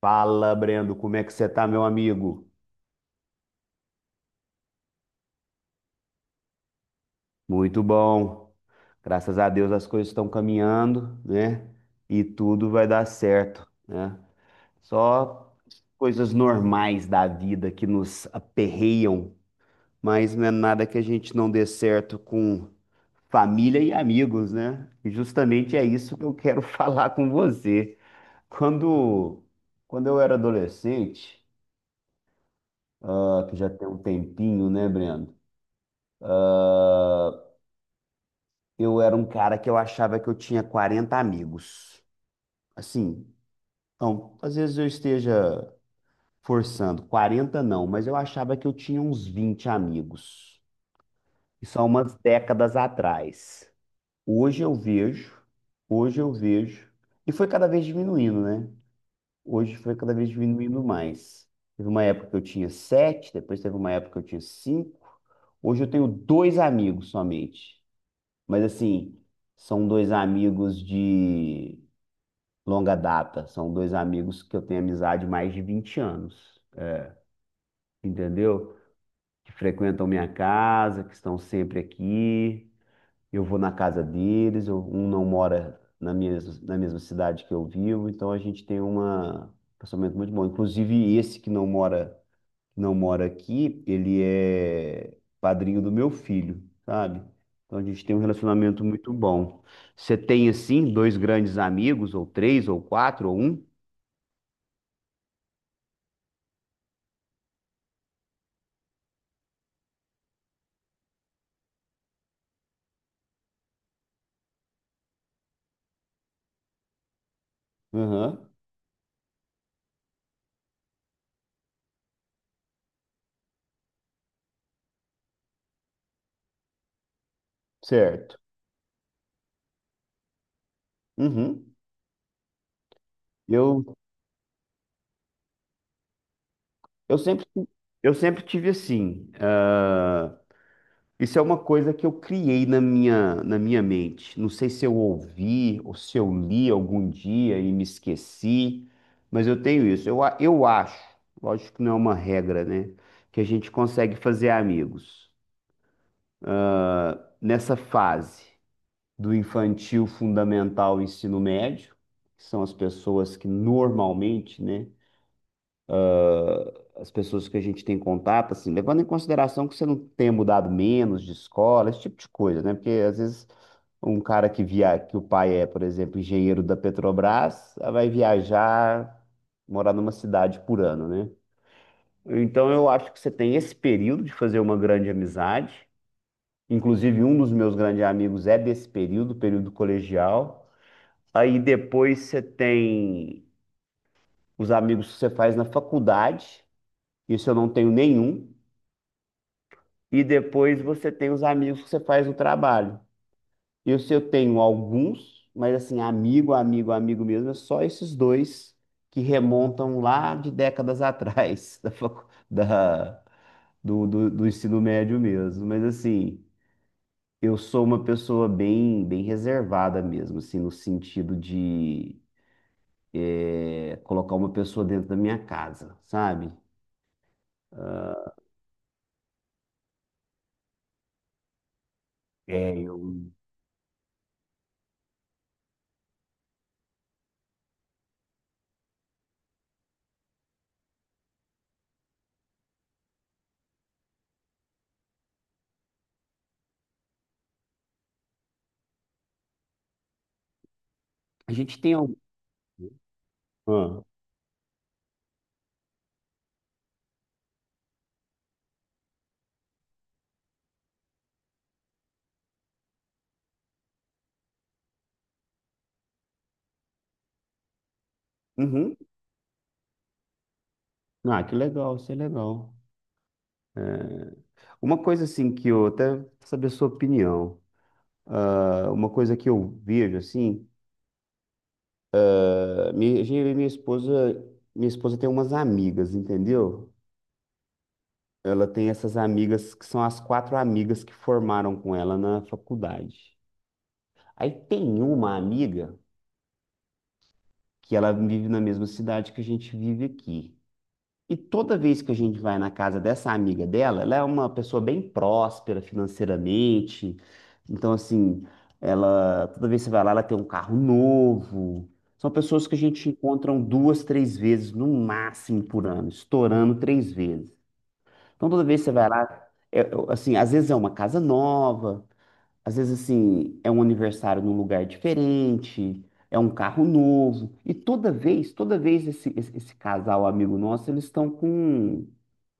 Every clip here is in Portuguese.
Fala, Brendo, como é que você tá, meu amigo? Muito bom. Graças a Deus as coisas estão caminhando, né? E tudo vai dar certo, né? Só coisas normais da vida que nos aperreiam, mas não é nada que a gente não dê certo com família e amigos, né? E justamente é isso que eu quero falar com você. Quando, quando eu era adolescente, ah, que já tem um tempinho, né, Brendo? Eu era um cara que eu achava que eu tinha 40 amigos. Assim, então, às vezes eu esteja forçando, 40 não, mas eu achava que eu tinha uns 20 amigos. Isso há umas décadas atrás. Hoje eu vejo, hoje eu vejo, e foi cada vez diminuindo, né? Hoje foi cada vez diminuindo mais. Teve uma época que eu tinha sete, depois teve uma época que eu tinha cinco. Hoje eu tenho dois amigos somente. Mas assim, são dois amigos de longa data. São dois amigos que eu tenho amizade há mais de 20 anos, entendeu? Que frequentam minha casa, que estão sempre aqui. Eu vou na casa deles, um não mora na mesma cidade que eu vivo, então a gente tem um relacionamento muito bom. Inclusive, esse que não mora aqui, ele é padrinho do meu filho, sabe? Então a gente tem um relacionamento muito bom. Você tem, assim, dois grandes amigos, ou três, ou quatro, ou um? Aham. Certo. Uhum. Eu, eu sempre, eu sempre tive assim. Ah, isso é uma coisa que eu criei na minha mente. Não sei se eu ouvi ou se eu li algum dia e me esqueci, mas eu tenho isso. Eu acho, lógico que não é uma regra, né? Que a gente consegue fazer amigos. Ah, nessa fase do infantil, fundamental, ensino médio, que são as pessoas que normalmente, né, as pessoas que a gente tem contato, assim, levando em consideração que você não tenha mudado menos de escola, esse tipo de coisa, né? Porque às vezes um cara que via, que o pai é, por exemplo, engenheiro da Petrobras, ah, vai viajar, morar numa cidade por ano, né? Então eu acho que você tem esse período de fazer uma grande amizade. Inclusive, um dos meus grandes amigos é desse período, período colegial. Aí depois você tem os amigos que você faz na faculdade. Isso eu não tenho nenhum. E depois você tem os amigos que você faz o trabalho. Eu, se eu tenho alguns, mas assim, amigo, amigo, amigo mesmo, é só esses dois que remontam lá de décadas atrás da, facu- da- do, do, do ensino médio mesmo. Mas assim, eu sou uma pessoa bem, bem reservada mesmo, assim, no sentido de colocar uma pessoa dentro da minha casa, sabe? É, eu... A gente tem algum... Ah, uhum. Ah, que legal, isso é legal. Uma coisa assim que eu até saber a sua opinião. Ah, uma coisa que eu vejo assim, eu e minha esposa tem umas amigas, entendeu? Ela tem essas amigas que são as quatro amigas que formaram com ela na faculdade. Aí tem uma amiga que ela vive na mesma cidade que a gente vive aqui. E toda vez que a gente vai na casa dessa amiga dela, ela é uma pessoa bem próspera financeiramente. Então, assim, ela, toda vez que você vai lá, ela tem um carro novo. São pessoas que a gente encontra duas, três vezes no máximo por ano, estourando três vezes. Então, toda vez que você vai lá, assim, às vezes é uma casa nova, às vezes, assim, é um aniversário num lugar diferente, é um carro novo. E toda vez esse casal amigo nosso, eles estão com,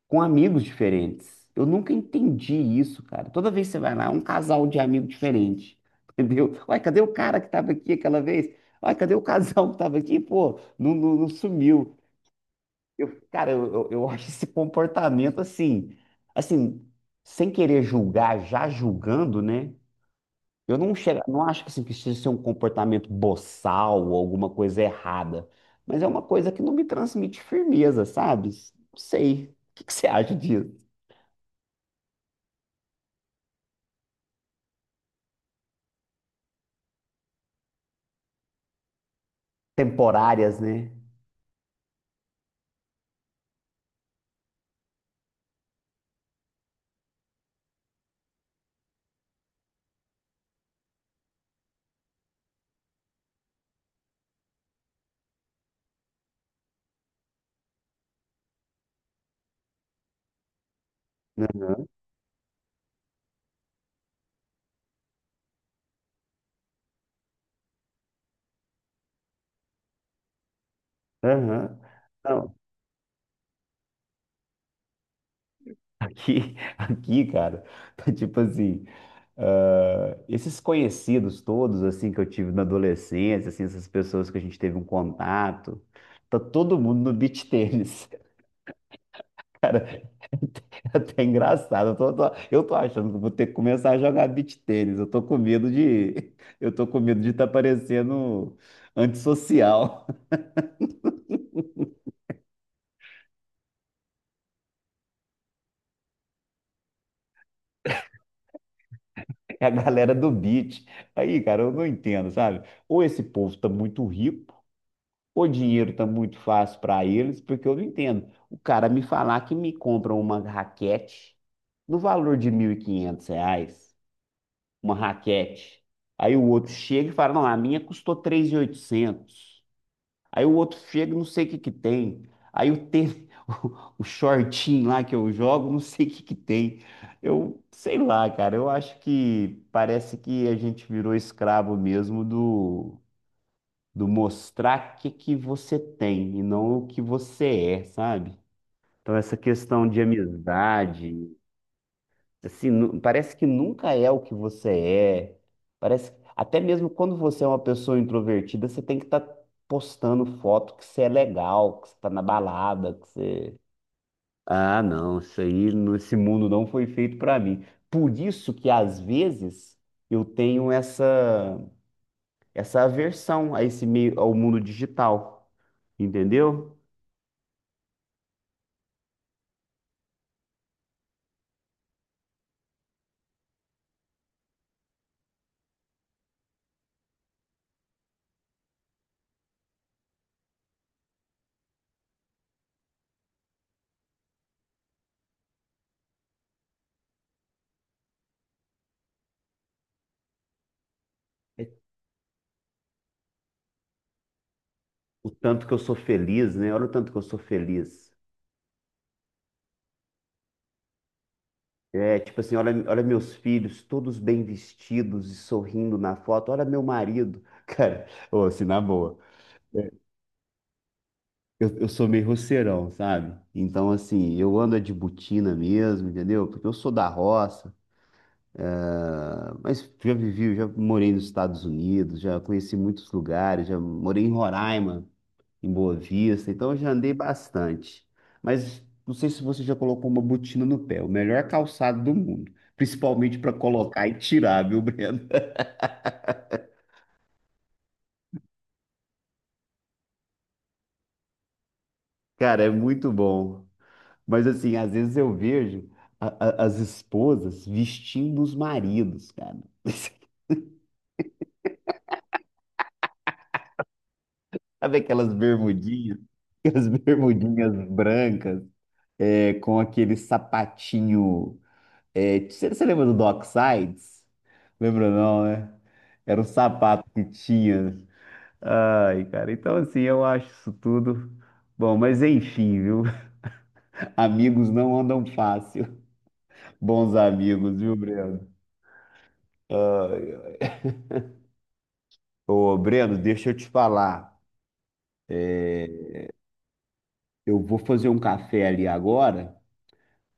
com amigos diferentes. Eu nunca entendi isso, cara. Toda vez que você vai lá, é um casal de amigo diferente. Entendeu? Ué, cadê o cara que estava aqui aquela vez? Ué, cadê o casal que estava aqui? Pô, não, não, não sumiu. Eu, cara, eu acho esse comportamento assim, assim, sem querer julgar, já julgando, né? Eu não chego, não acho que assim, precisa ser um comportamento boçal ou alguma coisa errada, mas é uma coisa que não me transmite firmeza, sabe? Não sei. O que que você acha disso? Temporárias, né? Aham, aham. Não, aqui, cara, tá tipo assim, esses conhecidos todos, assim, que eu tive na adolescência, assim, essas pessoas que a gente teve um contato, tá todo mundo no beach tênis. Cara, é até engraçado. Eu tô achando que eu vou ter que começar a jogar beach tênis. Eu tô com medo de, eu tô com medo de estar parecendo antissocial. É a galera do beach. Aí, cara, eu não entendo, sabe? Ou esse povo tá muito rico, ou o dinheiro tá muito fácil para eles, porque eu não entendo. O cara me falar que me compra uma raquete no valor de R$ 1.500, uma raquete. Aí o outro chega e fala, não, a minha custou 3.800. Aí o outro chega, não sei o que que tem. Aí o tênis, o shortinho lá que eu jogo, não sei o que que tem. Eu sei lá, cara, eu acho que parece que a gente virou escravo mesmo do mostrar o que que você tem e não o que você é, sabe? Então essa questão de amizade, assim, nu- parece que nunca é o que você é. Parece, até mesmo quando você é uma pessoa introvertida, você tem que estar postando foto que você é legal, que você tá na balada, que você... Ah, não, isso aí, no- esse mundo não foi feito para mim. Por isso que às vezes eu tenho essa aversão a esse meio ao mundo digital, entendeu? É. O tanto que eu sou feliz, né? Olha o tanto que eu sou feliz. É, tipo assim, olha, olha meus filhos, todos bem vestidos e sorrindo na foto. Olha meu marido. Cara, ô, assim, na boa. Eu sou meio roceirão, sabe? Então, assim, eu ando é de botina mesmo, entendeu? Porque eu sou da roça, ah, mas já vivi, já morei nos Estados Unidos, já conheci muitos lugares, já morei em Roraima, em Boa Vista, então eu já andei bastante. Mas não sei se você já colocou uma botina no pé, o melhor calçado do mundo, principalmente para colocar e tirar, viu, Breno? Cara, é muito bom. Mas assim, às vezes eu vejo a- as esposas vestindo os maridos, cara. Sabe aquelas bermudinhas? Aquelas bermudinhas brancas, é, com aquele sapatinho. É, você lembra do Docksides? Lembra não, né? Era um sapato que tinha. Ai, cara, então assim, eu acho isso tudo. Bom, mas enfim, viu? Amigos não andam fácil. Bons amigos, viu, Breno? Ô, Breno, deixa eu te falar. Eu vou fazer um café ali agora,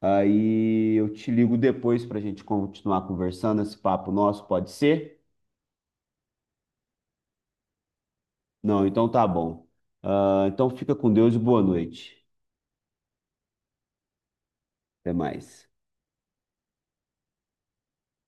aí eu te ligo depois pra gente continuar conversando esse papo nosso, pode ser? Não, então tá bom. Ah, então fica com Deus e boa noite. Até mais.